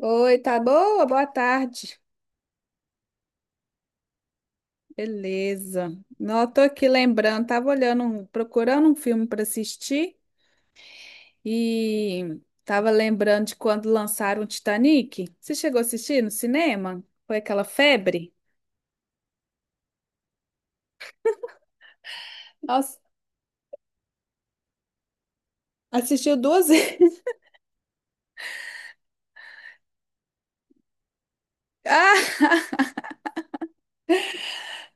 Oi, tá boa? Boa tarde. Beleza. Não, eu tô aqui lembrando, tava olhando, procurando um filme para assistir e tava lembrando de quando lançaram o Titanic. Você chegou a assistir no cinema? Foi aquela febre? Nossa, assistiu duas vezes. Ah,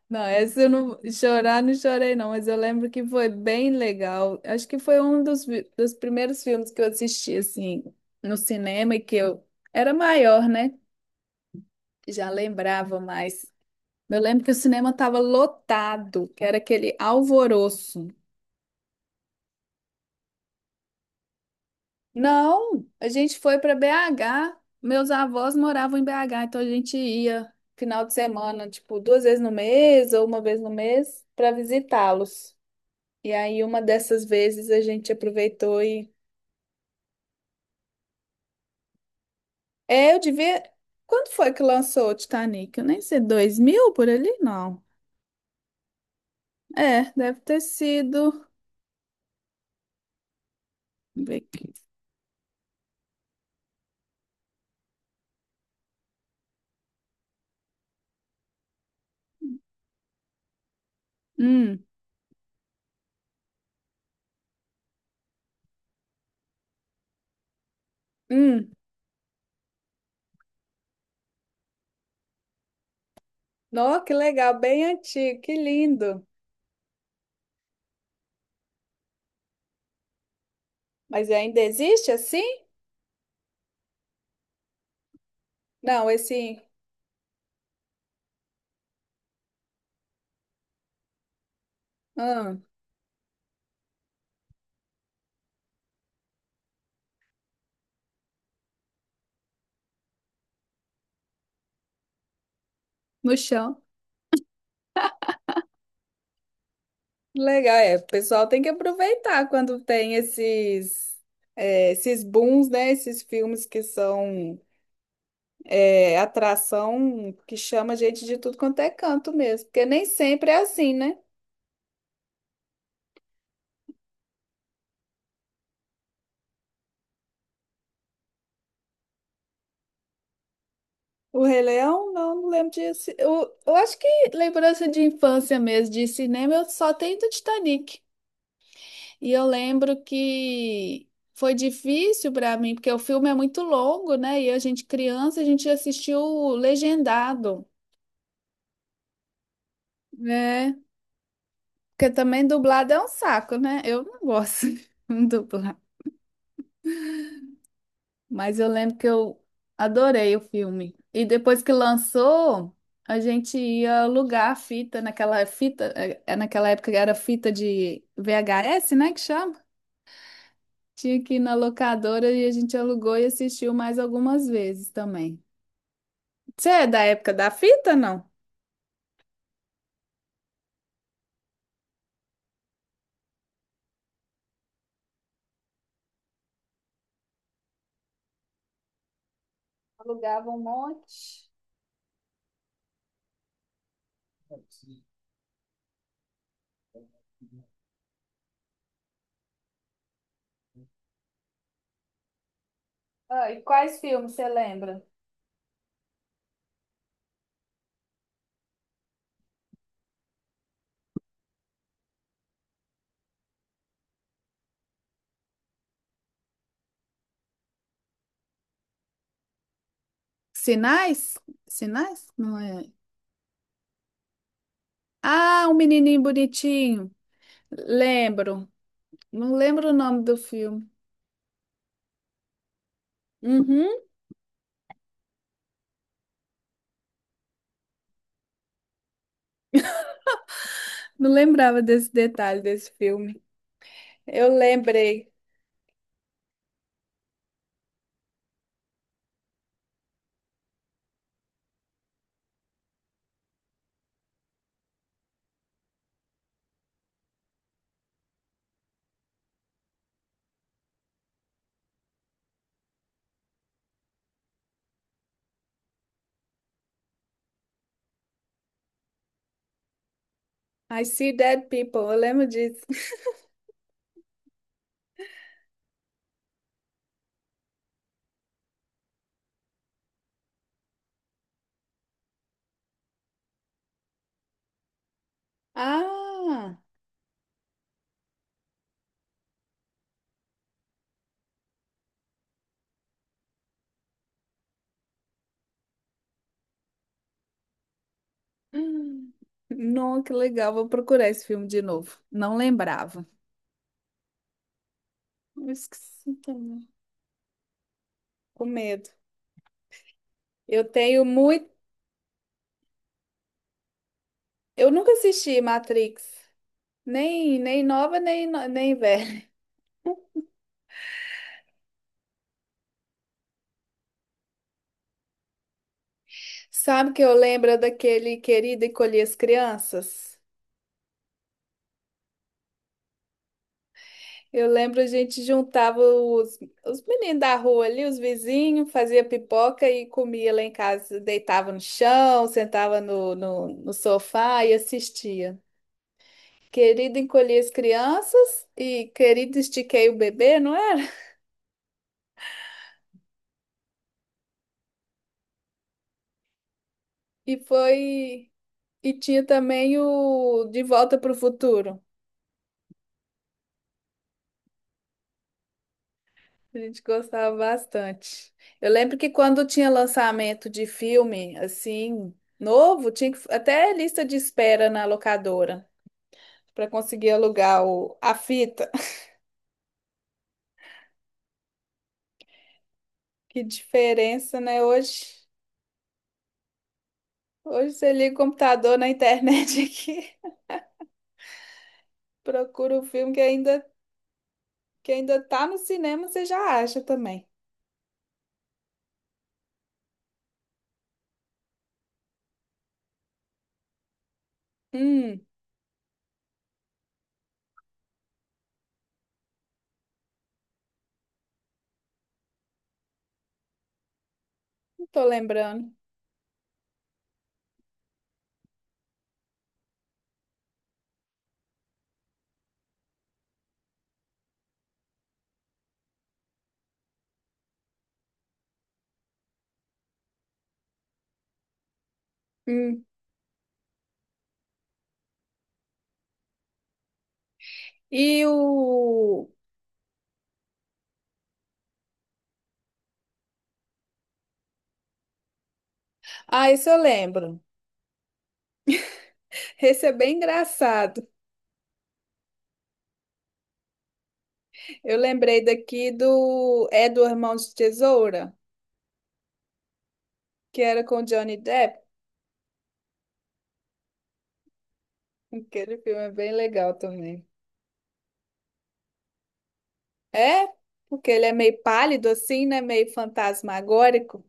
não, essa eu não chorar, não chorei não, mas eu lembro que foi bem legal. Acho que foi dos primeiros filmes que eu assisti assim no cinema e que eu era maior, né? Já lembrava mais. Eu lembro que o cinema estava lotado, que era aquele alvoroço. Não, a gente foi para BH. Meus avós moravam em BH, então a gente ia final de semana, tipo, duas vezes no mês ou uma vez no mês para visitá-los. E aí uma dessas vezes a gente aproveitou e é, eu devia. Quando foi que lançou o Titanic? Eu nem sei, 2000 por ali? Não. É, deve ter sido. Deixa eu ver aqui. Hum, hum. Nossa, que legal, bem antigo, que lindo. Mas ainda existe assim? Não, esse ah, no chão. Legal, é. O pessoal tem que aproveitar quando tem esses é, esses booms, né? Esses filmes que são é, atração que chama gente de tudo quanto é canto mesmo, porque nem sempre é assim, né? O Rei Leão, não, não lembro disso. Eu acho que lembrança de infância mesmo de cinema eu só tenho do Titanic. E eu lembro que foi difícil para mim, porque o filme é muito longo, né? E a gente criança, a gente assistiu legendado, né? Porque também dublado é um saco, né? Eu não gosto de dublar. Mas eu lembro que eu adorei o filme. E depois que lançou, a gente ia alugar a fita naquela fita, é naquela época era fita de VHS, né, que chama? Tinha que ir na locadora e a gente alugou e assistiu mais algumas vezes também. Você é da época da fita, não? Alugava um monte. Ah, e quais filmes você lembra? Sinais? Sinais? Não é. Ah, um menininho bonitinho. Lembro. Não lembro o nome do filme. Uhum. Não lembrava desse detalhe desse filme. Eu lembrei. I see dead people. Eu lembro disso. Ah! Hum. Não, que legal. Vou procurar esse filme de novo. Não lembrava. Eu esqueci também. Com medo. Eu tenho muito. Eu nunca assisti Matrix, nem nova, nem velha. Sabe que eu lembro daquele querido Encolher as Crianças? Eu lembro a gente juntava os meninos da rua ali, os vizinhos, fazia pipoca e comia lá em casa. Deitava no chão, sentava no sofá e assistia. Querido Encolher as Crianças e Querido Estiquei o Bebê, não era? E foi. E tinha também o De Volta para o Futuro. A gente gostava bastante. Eu lembro que quando tinha lançamento de filme, assim, novo, tinha que, até lista de espera na locadora para conseguir alugar a fita. Que diferença, né? Hoje você liga o computador na internet aqui, procura o filme que ainda tá no cinema, você já acha também. Hum, não tô lembrando. Hum. E o. Ah, esse eu lembro. Esse é bem engraçado. Eu lembrei daqui do É do Irmão de Tesoura, que era com Johnny Depp. Aquele filme é bem legal também. É, porque ele é meio pálido assim, né? Meio fantasmagórico.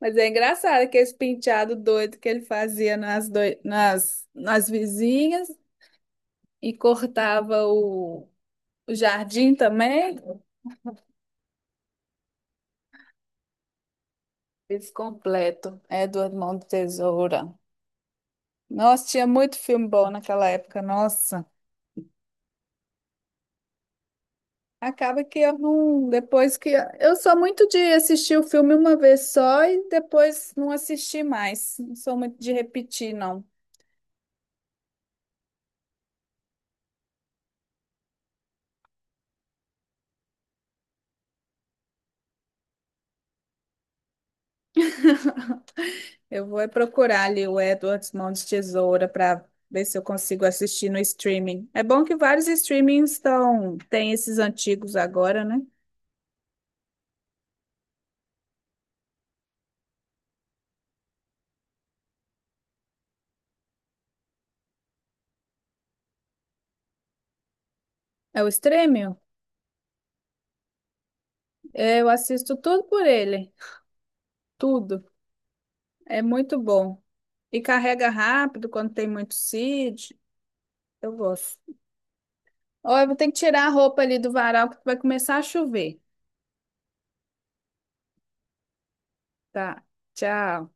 Mas é engraçado que esse penteado doido que ele fazia nas vizinhas e cortava o jardim também. Fiz completo. É do Irmão de Tesoura. Nossa, tinha muito filme bom naquela época, nossa. Acaba que eu não. Depois que. Eu sou muito de assistir o filme uma vez só e depois não assistir mais. Não sou muito de repetir, não. Eu vou é procurar ali o Edward Mão de Tesoura para ver se eu consigo assistir no streaming. É bom que vários streamings estão. Tem esses antigos agora, né? É o streaming? É, eu assisto tudo por ele. Tudo. É muito bom. E carrega rápido quando tem muito seed. Eu gosto. Ó, eu vou ter que tirar a roupa ali do varal que vai começar a chover. Tá. Tchau.